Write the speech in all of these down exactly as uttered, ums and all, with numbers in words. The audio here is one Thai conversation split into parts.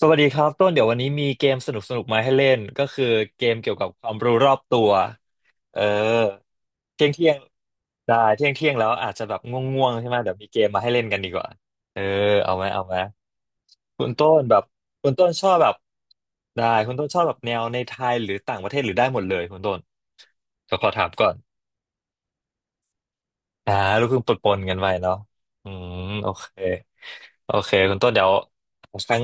สวัสดีครับต้นเดี๋ยววันนี้มีเกมสนุกสนุกมาให้เล่นก็คือเกมเกี่ยวกับความรู้รอบตัวเออเที่ยงเที่ยงได้เที่ยงเที่ยงแล้วอาจจะแบบง่วงๆใช่ไหมเดี๋ยวมีเกมมาให้เล่นกันดีกว่าเออเอาไหมเอาไหมคุณต้นแบบคุณต้นชอบแบบได้คุณต้นชอบแบบแนวในไทยหรือต่างประเทศหรือได้หมดเลยคุณต้นเดี๋ยวขอถามก่อนอ่าลูกครึ่งปนๆกันไปเนาะอืมโอเคโอเคคุณต้นเดี๋ยวครั้ง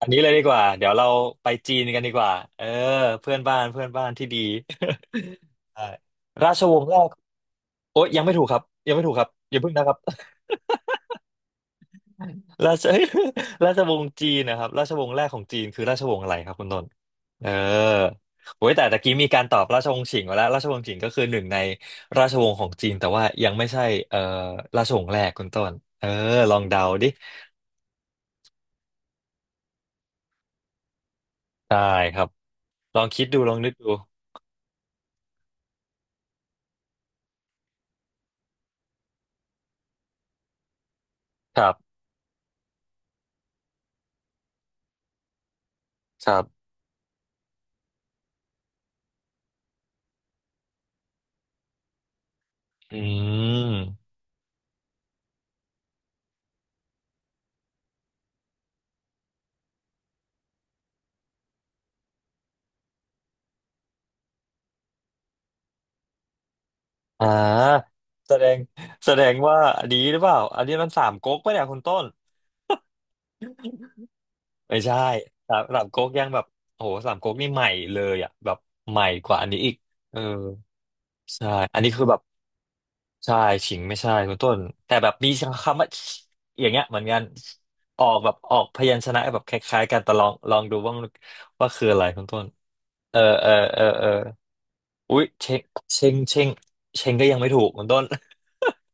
อันนี้เลยดีกว่าเดี๋ยวเราไปจีนกันดีกว่าเออเพื่อนบ้านเพื่อนบ้านที่ดี ใช่ราชวงศ์แรกโอ๊ยยังไม่ถูกครับยังไม่ถูกครับอย่าเพิ่งนะครับ ราช ราชวงศ์จีนนะครับราชวงศ์แรกของจีนคือราชวงศ์อะไรครับคุณต้นเออโอ้ยแต่ตะกี้มีการตอบราชวงศ์ฉิงมาแล้วราชวงศ์ฉิงก็คือหนึ่งในราชวงศ์ของจีนแต่ว่ายังไม่ใช่เอ่อราชวงศ์แรกคุณต้นเออลองเดาดิได้ครับลองคิดดูลองนึกดูครับครับอืม อ่าแสดงแสดงว่าอันนี้หรือเปล่าอันนี้มันสามก๊กปะเนี่ยคุณต้นไม่ใช่สามสามก๊กยังแบบโหสามก๊กนี่ใหม่เลยอ่ะแบบใหม่กว่าอันนี้อีกเออใช่อันนี้คือแบบใช่ฉิงไม่ใช่คุณต้นแต่แบบมีคำว่า อย่างเงี้ยเหมือนกันออกแบบออกพยัญชนะแบบคล้ายๆกันแต่ลองลองดูว่ามันว่าคืออะไรคุณต้น เออเออเออเอออุ๊ยเชงเชงเชงเชงก็ยังไม่ถูกคุณต้น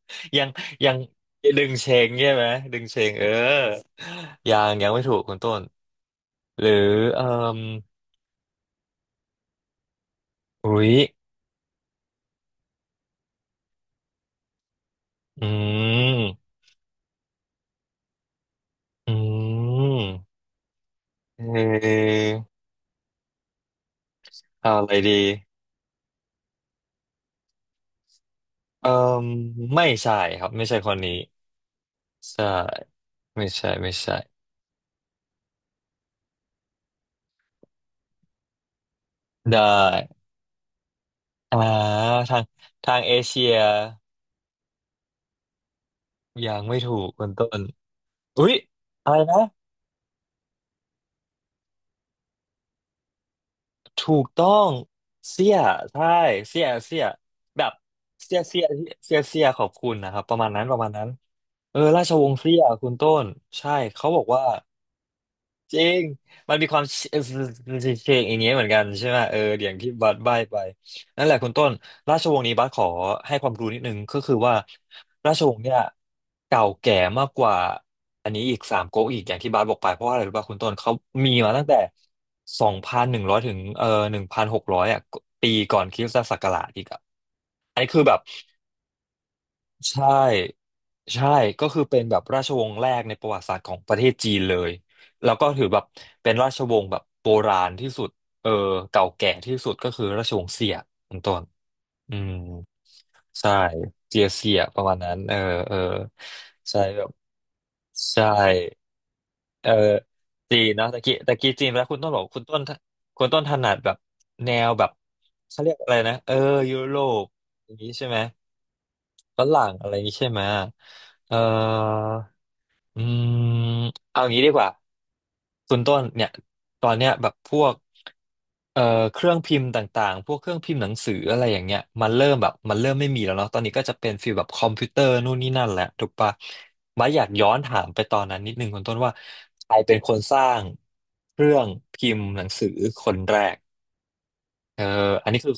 ยังยังดึงเชงใช่ไหมดึงเชงเออยังยังไม่ถูกคุณต้นหรือเอ่มอุ๊ยอืมอืมเออเอาอะไรดีเอ่มไม่ใช่ครับไม่ใช่คนนี้ใช่ไม่ใช่ไม่ใช่ได้อ่าทางทางเอเชียยังไม่ถูกคุณต้น อุ๊ยอะไรนะถูกต้องเสี้ยใช่เสี้ยเสี้ยแบบเสี้ยเสี้ยเสี้ยเสี้ยขอบคุณนะครับประมาณนั้นประมาณนั้นเออราชวงศ์เสี้ยคุณต้นใช่เขาบอกว่า จริง มันมีความเชเชงอย่างเงี้ยเหมือนกันใช่ไหมเออเดี๋ยวอย่างที่บัสใบ้ไปนั่นแหละคุณต้นราชวงศ์นี้บัสขอให้ความรู้นิดนึงก็คือว่าราชวงศ์เนี่ยเก่าแก่มากกว่าอันนี้อีกสามก๊กอีกอย่างที่บัสบอกไปเพราะว่าอะไรรู้ป่ะคุณต้นเขามีมาตั้งแต่สองพันหนึ่งร้อยถึงเอ่อหนึ่งพันหกร้อยอ่ะปีก่อนคริสตศักราชอีกอ่ะอันนี้คือแบบ ใช่ใช่ก็คือเป็นแบบราชวงศ์แรกในประวัติศาสตร์ของประเทศจีนเลยแล้วก็ถือแบบเป็นราชวงศ์แบบโบราณที่สุดเออเก่าแก่ที่สุดก็คือราชวงศ์เสี่ยเป็นต้นอืมใช่เจียเสี่ยประมาณนั้นเออเออใช่แบบใช่เออจีนเนาะตะกี้ตะกี้จีนแล้วคุณต้นบอกคุณต้นถคุณต้นถนัดแบบแนวแบบเขาเรียกอะไรนะเออยุโรปอย่างนี้ใช่ไหม ฝรั่งอะไรอย่างงี้ใช่ไหม เอ่ออืมเอาอย่างนี้ดีกว่า คุณต้นเนี่ยตอนเนี้ยแบบพวกเอ่อเครื่องพิมพ์ต่างๆพวกเครื่องพิมพ์หนังสืออะไรอย่างเงี้ยมันเริ่มแบบมันเริ่มไม่มีแล้วเนาะตอนนี้ก็จะเป็นฟีลแบบคอมพิวเตอร์นู่นนี่นั่นแหละถูกปะมาอยากย้อนถามไปตอนนั้นนิดนึงคุณต้นว่าใครเป็นคนสร้างเครื่องพิมพ์หนังสือคนแรกเอออันนี้คือ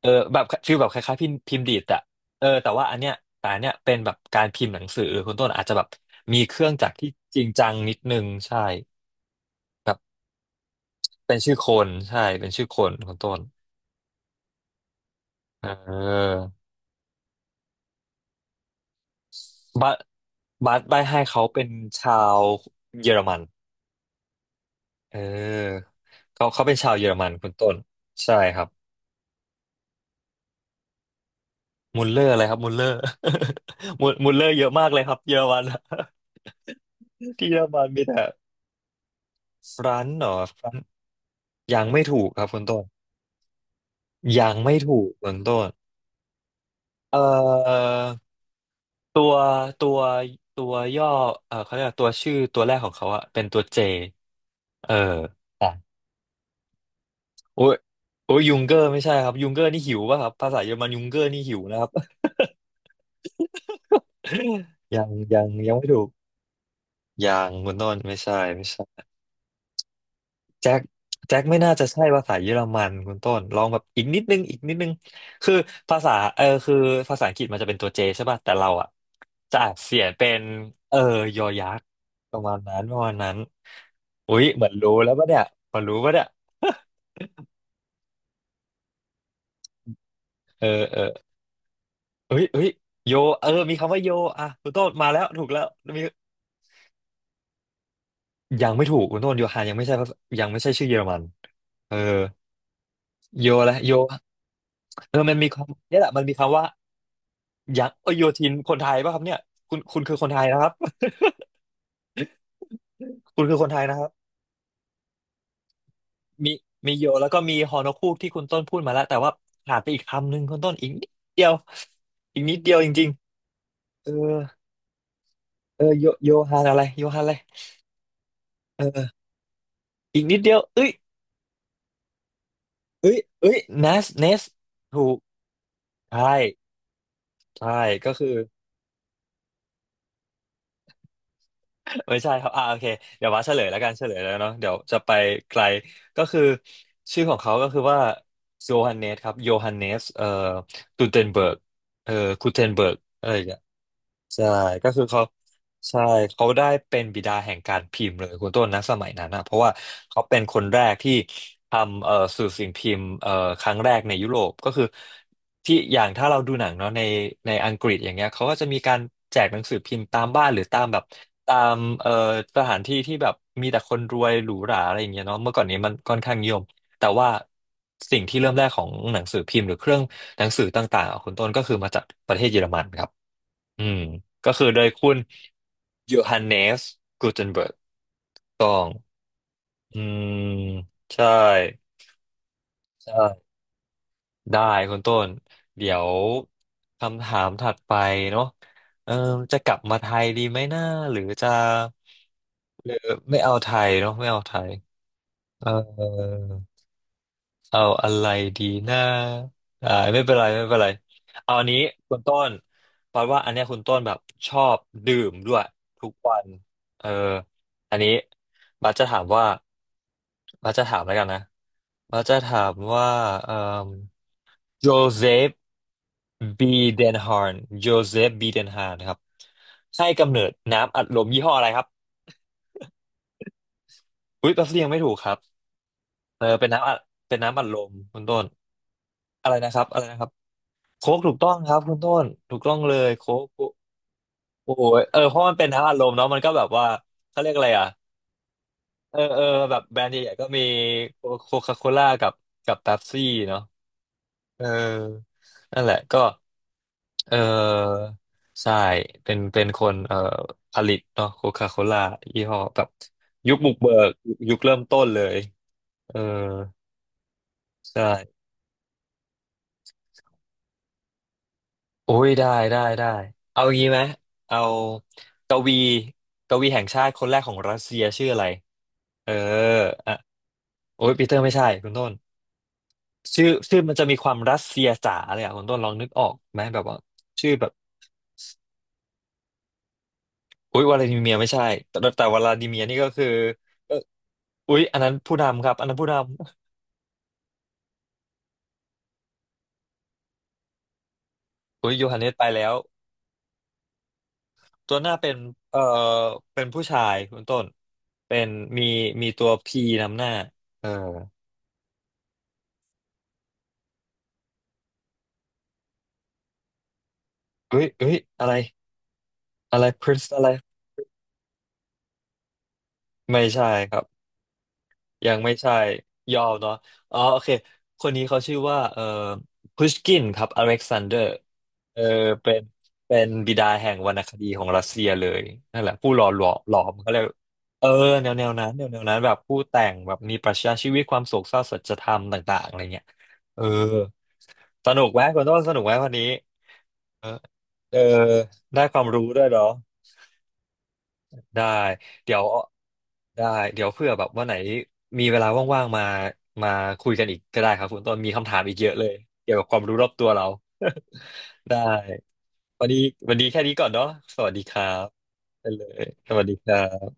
เออแบบฟีลแบบคล้ายๆพิมพ์พิมพ์ดีดอะเออแต่ว่าอันเนี้ยแต่อันเนี้ยเป็นแบบการพิมพ์หนังสือคุณต้นอาจจะแบบมีเครื่องจักรที่จริงจังนิดนึงใช่แบบเป็นชื่อคนใช่เป็นชื่อคนคุณต้นเออบัสบัสใบ้ให้เขาเป็นชาวเยอรมันเออเขาเขาเป็นชาวเยอรมันคุณต้นใช่ครับมุลเลอร์อะไรครับมุลเลอร์ มุลมุลเลอร์เยอะมากเลยครับเยอรมัน ที่เยอรมันมีแต่ฟรัน์เหรอฟรัน์ยังไม่ถูกครับคุณต้น ยังไม่ถูกเบื้องต้นเอ่อตัวตัวตัวย่อเออเขาเรียกว่าตัวชื่อตัวแรกของเขาอะเป็นตัวเจเอออ่ะโอ้ยโอ้ยยุงเกอร์ไม่ใช่ครับยุงเกอร์นี่หิวป่ะครับภาษาเยอรมันยุงเกอร์นี่หิวนะครับ ยังยังยังไม่ถูกยังคุณต้นไม่ใช่ไม่ใช่ แจ็คแจ็คไม่น่าจะใช่ภาษาเยอรมันคุณต้นลองแบบอีกนิดนึงอีกนิดนึงคือภาษาเออคือภาษาอังกฤษมันจะเป็นตัวเจใช่ป่ะแต่เราอ่ะจะอานเสียงเป็นเออยอยักษ์ประมาณนั้นประมาณนั้นอุ๊ยเหมือนรู้แล้วปะเนี่ยเหมือนรู้ปะเนี่ย เออเออเฮ้ยเฮ้ยโยเออมีคำว่าโยอ่ะคุณต้นมาแล้วถูกแล้วมียังไม่ถูกคุณต้นโยฮานยังไม่ใช่ภาษายังไม่ใช่ชื่อเยอรมันเออโยแล้วโยเออมันมีคำเนี่ยแหละมันมีคำว่า ยังเอ้ยโยธินคนไทยป่ะครับเนี่ยคุณคุณคือคนไทยนะครับ คุณคือคนไทยนะครับมีมีโยแล้วก็มีฮอนอคูกที่คุณต้นพูดมาแล้วแต่ว่าขาดไปอีกคำหนึ่งคุณต้นอีกนิดเดียวอีกนิดเดียวจริงๆเออเออโยโยฮานอะไรโยฮานอะไรเอออีกนิดเดียวเอ้ยเอ้ยเอ้ยเนสเนสถูกใช่ใช่ก็คือ ไม่ใช่ครับอ่าโอเค เดี๋ยวว่าเฉลยแล้วกันเฉลยแล้วเนาะเดี๋ยวจะไปไกลก็คือชื่อของเขาก็คือว่าโยฮันเนสครับโยฮันเนสเอ่อกูเทนเบิร์กเอ่อกูเทนเบิร์กอะไรอย่างเงี้ย ใช่ก็คือเขาใช่เขาได้เป็นบิดาแห่งการพิมพ์เลยคุณต้นนะสมัยนั้นนะเพราะว่าเขาเป็นคนแรกที่ทำเอ่อสื่อสิ่งพิมพ์เอ่อครั้งแรกในยุโรปก็คือที่อย่างถ้าเราดูหนังเนาะในในอังกฤษอย่างเงี้ยเขาก็จะมีการแจกหนังสือพิมพ์ตามบ้านหรือตามแบบตามเอ่อสถานที่ที่แบบมีแต่คนรวยหรูหราอะไรอย่างเงี้ยเนาะเมื่อก่อนนี้มันค่อนข้างนิยมแต่ว่าสิ่งที่เริ่มแรกของหนังสือพิมพ์หรือเครื่องหนังสือต่างๆอ่ะคุณต้นก็คือมาจากประเทศเยอรมันครับ อืมก็คือโดยคุณโยฮันเนสกูเทนเบิร์กต้องอืมใช่ใช่ได้คุณต้นเดี๋ยวคำถามถัดไปเนาะเออจะกลับมาไทยดีไหมนะหรือจะหรือไม่เอาไทยเนาะไม่เอาไทยเออ เอาอะไรดีนะอ่าไม่เป็นไรไม่เป็นไรเอาอันนี้คุณต้นเพราะว่าอันเนี้ยคุณต้นแบบชอบดื่มด้วยทุกวันเอออันนี้บัสจะถามว่าบัสจะถามแล้วกันนะบัสจะถามว่าเอ่อโจเซฟบีเดนฮาร์นโจเซฟบีเดนฮาร์นครับให้กำเนิดน้ำอัดลมยี่ห้ออะไรครับอุ๊ยแป๊บเดียวยังไม่ถูกครับเออเป็นน้ำอัดเป็นน้ำอัดลมคุณต้นอะไรนะครับอะไรนะครับ โค้กถูกต้องครับคุณต้นถูกต้องเลยโค้กโอ้โหเออเพราะมันเป็นทั้งอารมณ์เนาะมันก็แบบว่าเขาเรียกอะไรอ่ะเออเออแบบแบรนด์ใหญ่ๆก็มีโคคาโคล่ากับกับเป๊ปซี่เนาะเออนั่นแหละก็เออใช่เป็นเป็นคนเอ่อผลิตเนาะโคคาโคล่ายี่ห้อแบบยุคบุกเบิกยุคเริ่มต้นเลยเออใช่ โอ้ยได้ได้ได้เอางี้ไหมเอากวีกวีแห่งชาติคนแรกของรัสเซียชื่ออะไรเอออ่ะโอ้ยปีเตอร์ไม่ใช่คุณต้นชื่อชื่อมันจะมีความรัสเซียจ๋าเลยอ่ะคุณต้นลองนึกออกไหมแบบว่าชื่อแบบอุ้ยวลาดิเมียร์ไม่ใช่แต่แต่วลาดิเมียร์นี่ก็คือเอออุ้ยอันนั้นผู้นำครับอันนั้นผู้นำอุ้ยโยฮันเนสไปแล้วตัวหน้าเป็นเออเป็นผู้ชายคุณต้นเป็นมีมีตัวพีนำหน้าเออเอ้ยเอ้ยอะไร อะไรพริน์อะไรไม่ใช่ครับยังไม่ใช่ยอมเนาะอ๋อโอเคคนนี้เขาชื่อว่าเอ่อพุชกินครับอเล็กซานเดอร์เออเป็นเป็นบิดาแห่งวรรณคดีของรัสเซียเลยนั่นแหละผู้หล่อหลอมหลอมเขาเรียกเออแนวแนวนั้นแนวแนวนั้นแบบผู้แต่งแบบมีปรัชญาชีวิตความโศกเศร้าสัจธรรมต่างๆอะไรเงี้ยเออสนุกไหมคุณต้นสนุกไหมวันนี้เออเออได้ความรู้ด้วยเหรอ ได้เดี๋ยวได้เดี๋ยวเพื่อแบบวันไหนมีเวลาว่างๆมามาคุยกันอีกก็ได้ครับคุณต้นมีคำถามอีกเยอะเลยเกี่ยวกับความรู้รอบตัวเรา ได้วันนี้วันนี้แค่นี้ก่อนเนาะสวัสดีครับไปเลยสวัสดีครับ